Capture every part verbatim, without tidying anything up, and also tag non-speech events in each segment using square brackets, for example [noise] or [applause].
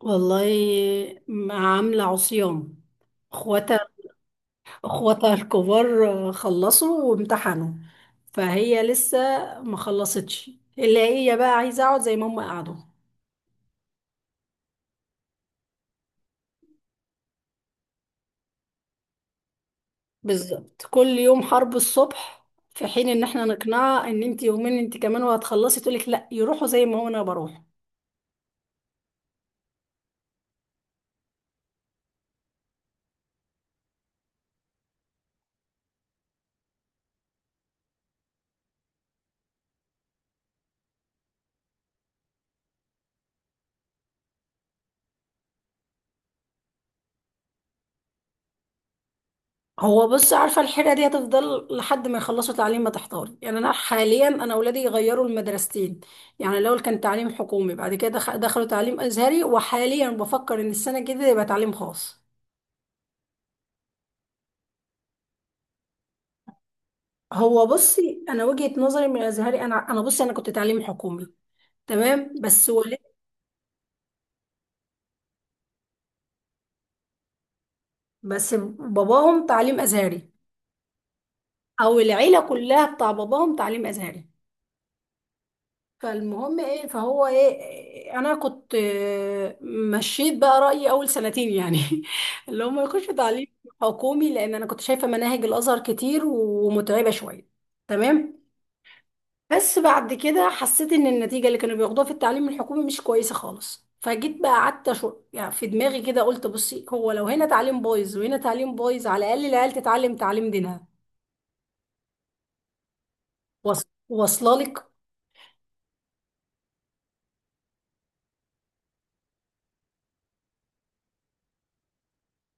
والله، مع عاملة عصيان. اخواتها اخواتها الكبار خلصوا وامتحنوا، فهي لسه ما خلصتش، اللي هي بقى عايزة اقعد زي ما هم قعدوا. بالظبط كل يوم حرب الصبح، في حين ان احنا نقنعها ان انت يومين انت كمان وهتخلصي، تقولك لا يروحوا زي ما هو انا بروح. هو بص عارفه الحيره دي هتفضل لحد ما يخلصوا تعليم، ما تحتار يعني. انا حاليا انا اولادي يغيروا المدرستين، يعني الاول كان تعليم حكومي، بعد كده دخ- دخلوا تعليم ازهري، وحاليا بفكر ان السنه الجديده يبقى تعليم خاص. هو بصي انا وجهه نظري من الازهري، انا انا بصي انا كنت تعليم حكومي تمام، بس ولد. بس باباهم تعليم ازهري، او العيله كلها بتاع باباهم تعليم ازهري. فالمهم ايه، فهو ايه، انا كنت آه، مشيت بقى رأيي اول سنتين يعني [laughs] اللي هم يخشوا تعليم حكومي، لان انا كنت شايفة مناهج الازهر كتير ومتعبة شوية تمام. بس بعد كده حسيت ان النتيجة اللي كانوا بياخدوها في التعليم الحكومي مش كويسة خالص، فجيت بقى قعدت شو يعني في دماغي كده، قلت بصي هو لو هنا تعليم بايظ وهنا تعليم بايظ، على الاقل العيال تتعلم تعليم دينها. واص- واصله لك.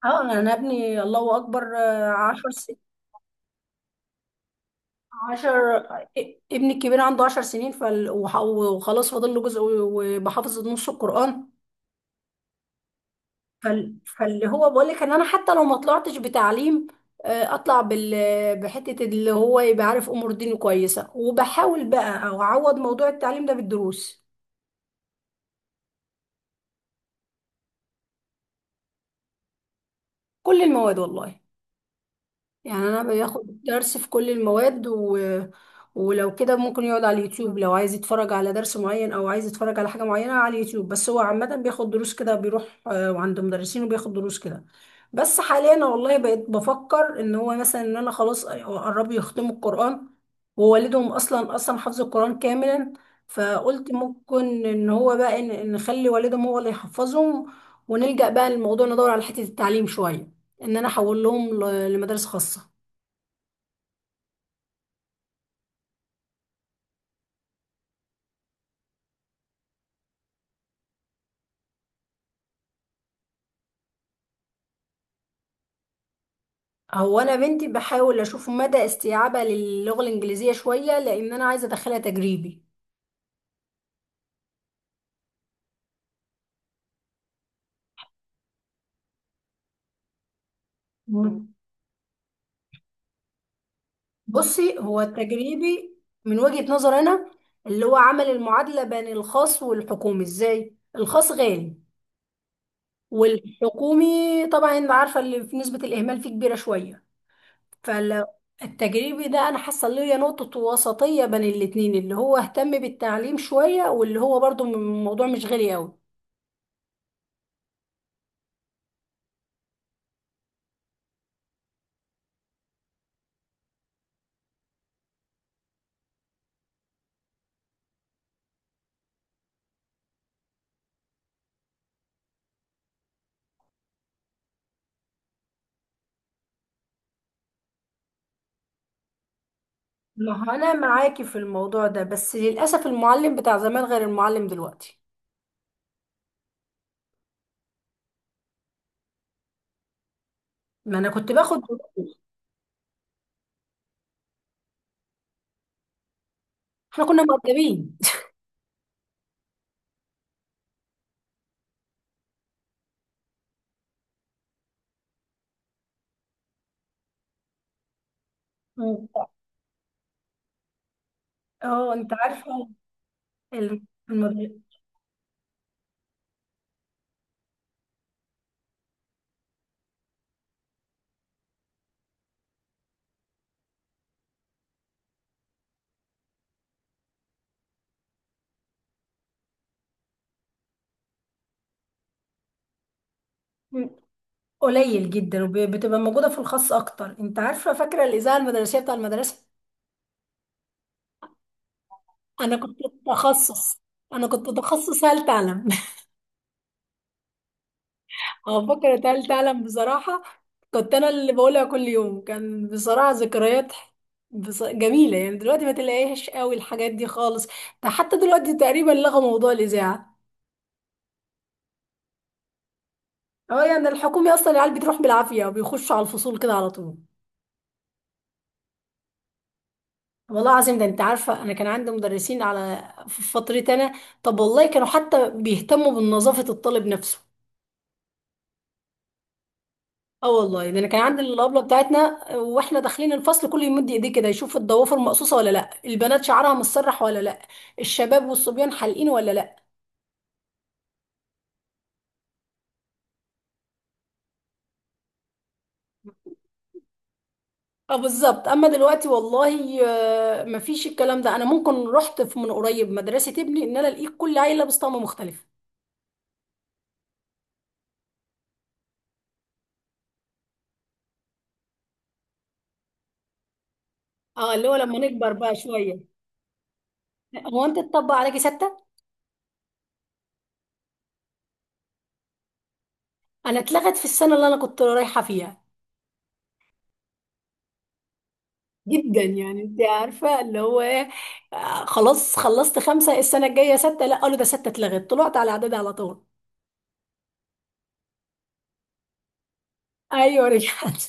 اه انا ابني الله اكبر عشرة عشر. ابني الكبير عنده عشر سنين فال... وح- وخلاص فاضل له جزء و- وبحافظ نص القرآن. فال... فاللي هو بقول لك ان انا حتى لو ما طلعتش بتعليم آه، اطلع بال... بحتة، اللي هو يبقى عارف امور دينه كويسة، وبحاول بقى او اعوض موضوع التعليم ده بالدروس. كل المواد والله، يعني انا باخد درس في كل المواد و... ولو كده ممكن يقعد على اليوتيوب لو عايز يتفرج على درس معين او عايز يتفرج على حاجة معينة على اليوتيوب. بس هو عامة بياخد دروس كده، بيروح آه، عند مدرسين وبياخد دروس كده. بس حاليا والله بقيت بفكر ان هو مثلا ان انا خلاص آه، قربوا يختموا القرآن، ووالدهم اصلا اصلا حفظ القرآن كاملا، فقلت ممكن ان هو بقى إن- إن نخلي والدهم هو اللي يحفظهم، ونلجأ بقى للموضوع ندور على حتة التعليم شوية، ان انا احول لهم ل- لمدارس خاصه. هو انا بنتي بحاول اشوف مدى استيعابها للغه الانجليزيه شويه، لان انا عايزه ادخلها تجريبي. مم. بصي هو التجريبي من وجهه نظر انا، اللي هو عمل المعادله بين الخاص والحكومي. ازاي؟ الخاص غالي، والحكومي طبعا انت عارفه اللي في نسبه الاهمال فيه كبيره شويه. فالتجريبي ده انا حاسه اللي هي نقطه وسطيه بين الاتنين، اللي هو اهتم بالتعليم شويه، واللي هو برضو الموضوع مش غالي قوي. ما هو انا معاكي في الموضوع ده، بس للاسف المعلم بتاع زمان غير المعلم دلوقتي. ما انا كنت باخد [laughs] دروس. احنا كنا مؤدبين. [laughs] مم. اه انت عارفه. ال- المد- مم. قليل جدا وبتبقى موجوده في الخاص اكتر. انت عارفه فاكره الاذاعه المدرسيه بتاع المدرسه. انا كنت تخصص، انا كنت تخصص هل تعلم. اه فكرة تالتة تعلم بصراحة، كنت انا اللي بقولها كل يوم. كان بصراحة ذكريات بص... جميلة يعني. دلوقتي ما تلاقيهاش قوي الحاجات دي خالص، ده حتى دلوقتي تقريبا لغى موضوع الإذاعة. اه يعني الحكومي اصلا العيال بتروح بالعافية وبيخشوا على الفصول كده على طول. والله العظيم، ده انت عارفة انا كان عندي مدرسين على في فترتي انا، طب والله كانوا حتى بيهتموا بنظافة الطالب نفسه. اه والله ده انا كان عندي الابله بتاعتنا واحنا داخلين الفصل، كل يمد ايديه كده يشوف الضوافر مقصوصه ولا لا، البنات شعرها متسرح ولا لا، الشباب والصبيان حالقين ولا لا. اه بالظبط، اما دلوقتي والله آه، مفيش الكلام ده. انا ممكن رحت في من قريب مدرسه ابني ان انا الاقيك كل عيله لابس طقم مختلف. اه اللي هو لما نكبر بقى شويه. هو انت تطبق عليكي سته؟ انا اتلغت في السنه اللي انا كنت رايحه فيها، جدا يعني. انت عارفه اللي هو ايه، آه، خلاص خلصت خمسه، السنه الجايه سته، لا قالوا ده سته اتلغت، طلعت على اعدادي على طول. [laughs] ايوه رجعت.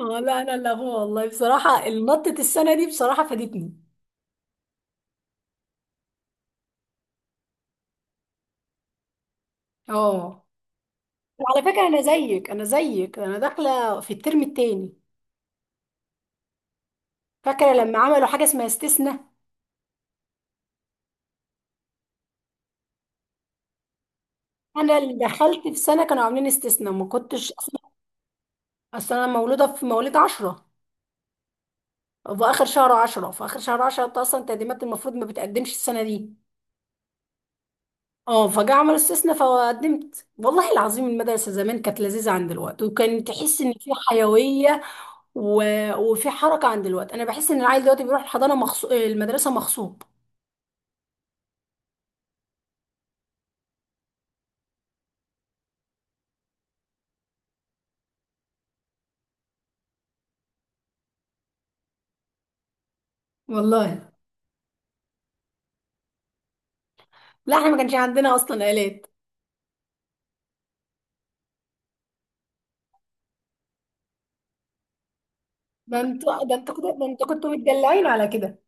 اه لا، انا لا، هو والله بصراحه نطه السنه دي بصراحه فادتني. اه على فكره انا زيك، انا زيك انا داخله في الترم التاني، فاكره لما عملوا حاجه اسمها استثناء. انا اللي دخلت في سنه كانوا عاملين استثناء، ما كنتش اصلا. اصل انا مولوده في مواليد عشرة، في اخر شهر عشرة، في اخر شهر عشرة. انت اصلا تقديمات المفروض ما بتقدمش السنه دي. اه فجاء عمل استثناء فقدمت. والله العظيم المدرسة زمان كانت لذيذة عن دلوقتي، وكان تحس ان في حيوية و... وفي حركة عن دلوقتي. انا بحس ان العيل دلوقتي بيروح الحضانة مخصو... المدرسة مغصوب. والله لا احنا ما كانش عندنا اصلا آلات. ده انتوا ده انتوا كنتوا ده انتوا كنتوا متدلعين على كده.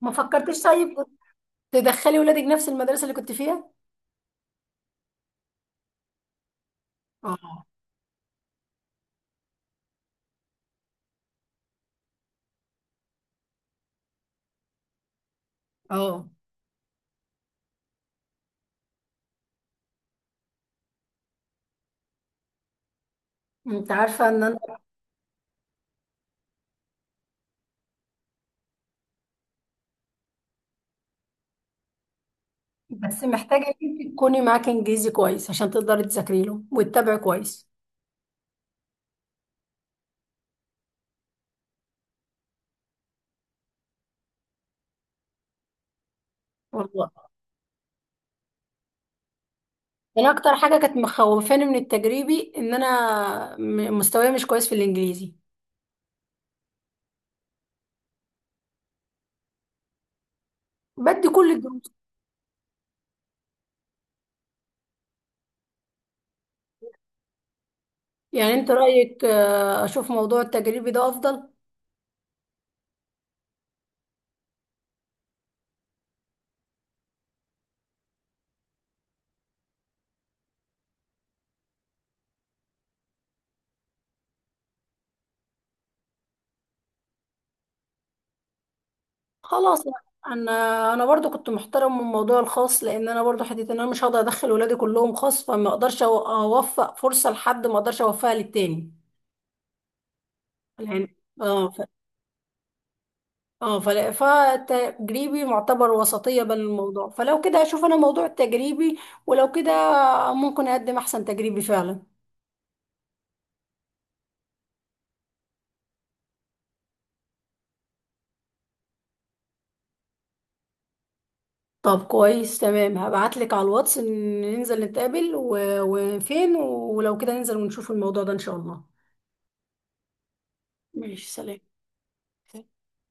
ما فكرتش طيب تدخلي ولادك نفس المدرسة اللي كنت فيها؟ اه. اه انت عارفة ان انا، بس محتاجة إنك تكوني معاكي انجليزي كويس عشان تقدري تذاكري له وتتابعي كويس. والله يعني اكتر حاجه كانت مخوفاني من التجريبي ان انا م- مستواي مش كويس في الانجليزي. بدي كل الدروس يعني. انت رايك آه، اشوف موضوع التجريبي ده افضل؟ خلاص يعني. انا انا برضو كنت محترم من الموضوع الخاص، لان انا برضو حته ان انا مش هقدر ادخل ولادي كلهم خاص، فما اقدرش أو- اوفق فرصه لحد ما اقدرش اوفقها للتاني. يعني اه ف... اه فلا، فالتجريبي معتبر وسطيه بين الموضوع. فلو كده هشوف انا موضوع التجريبي، ولو كده ممكن اقدم احسن تجريبي فعلا. طب كويس تمام، هبعتلك على الواتس إن ننزل نتقابل و... وفين، ولو كده ننزل ونشوف الموضوع ده ان شاء الله. ماشي سلام.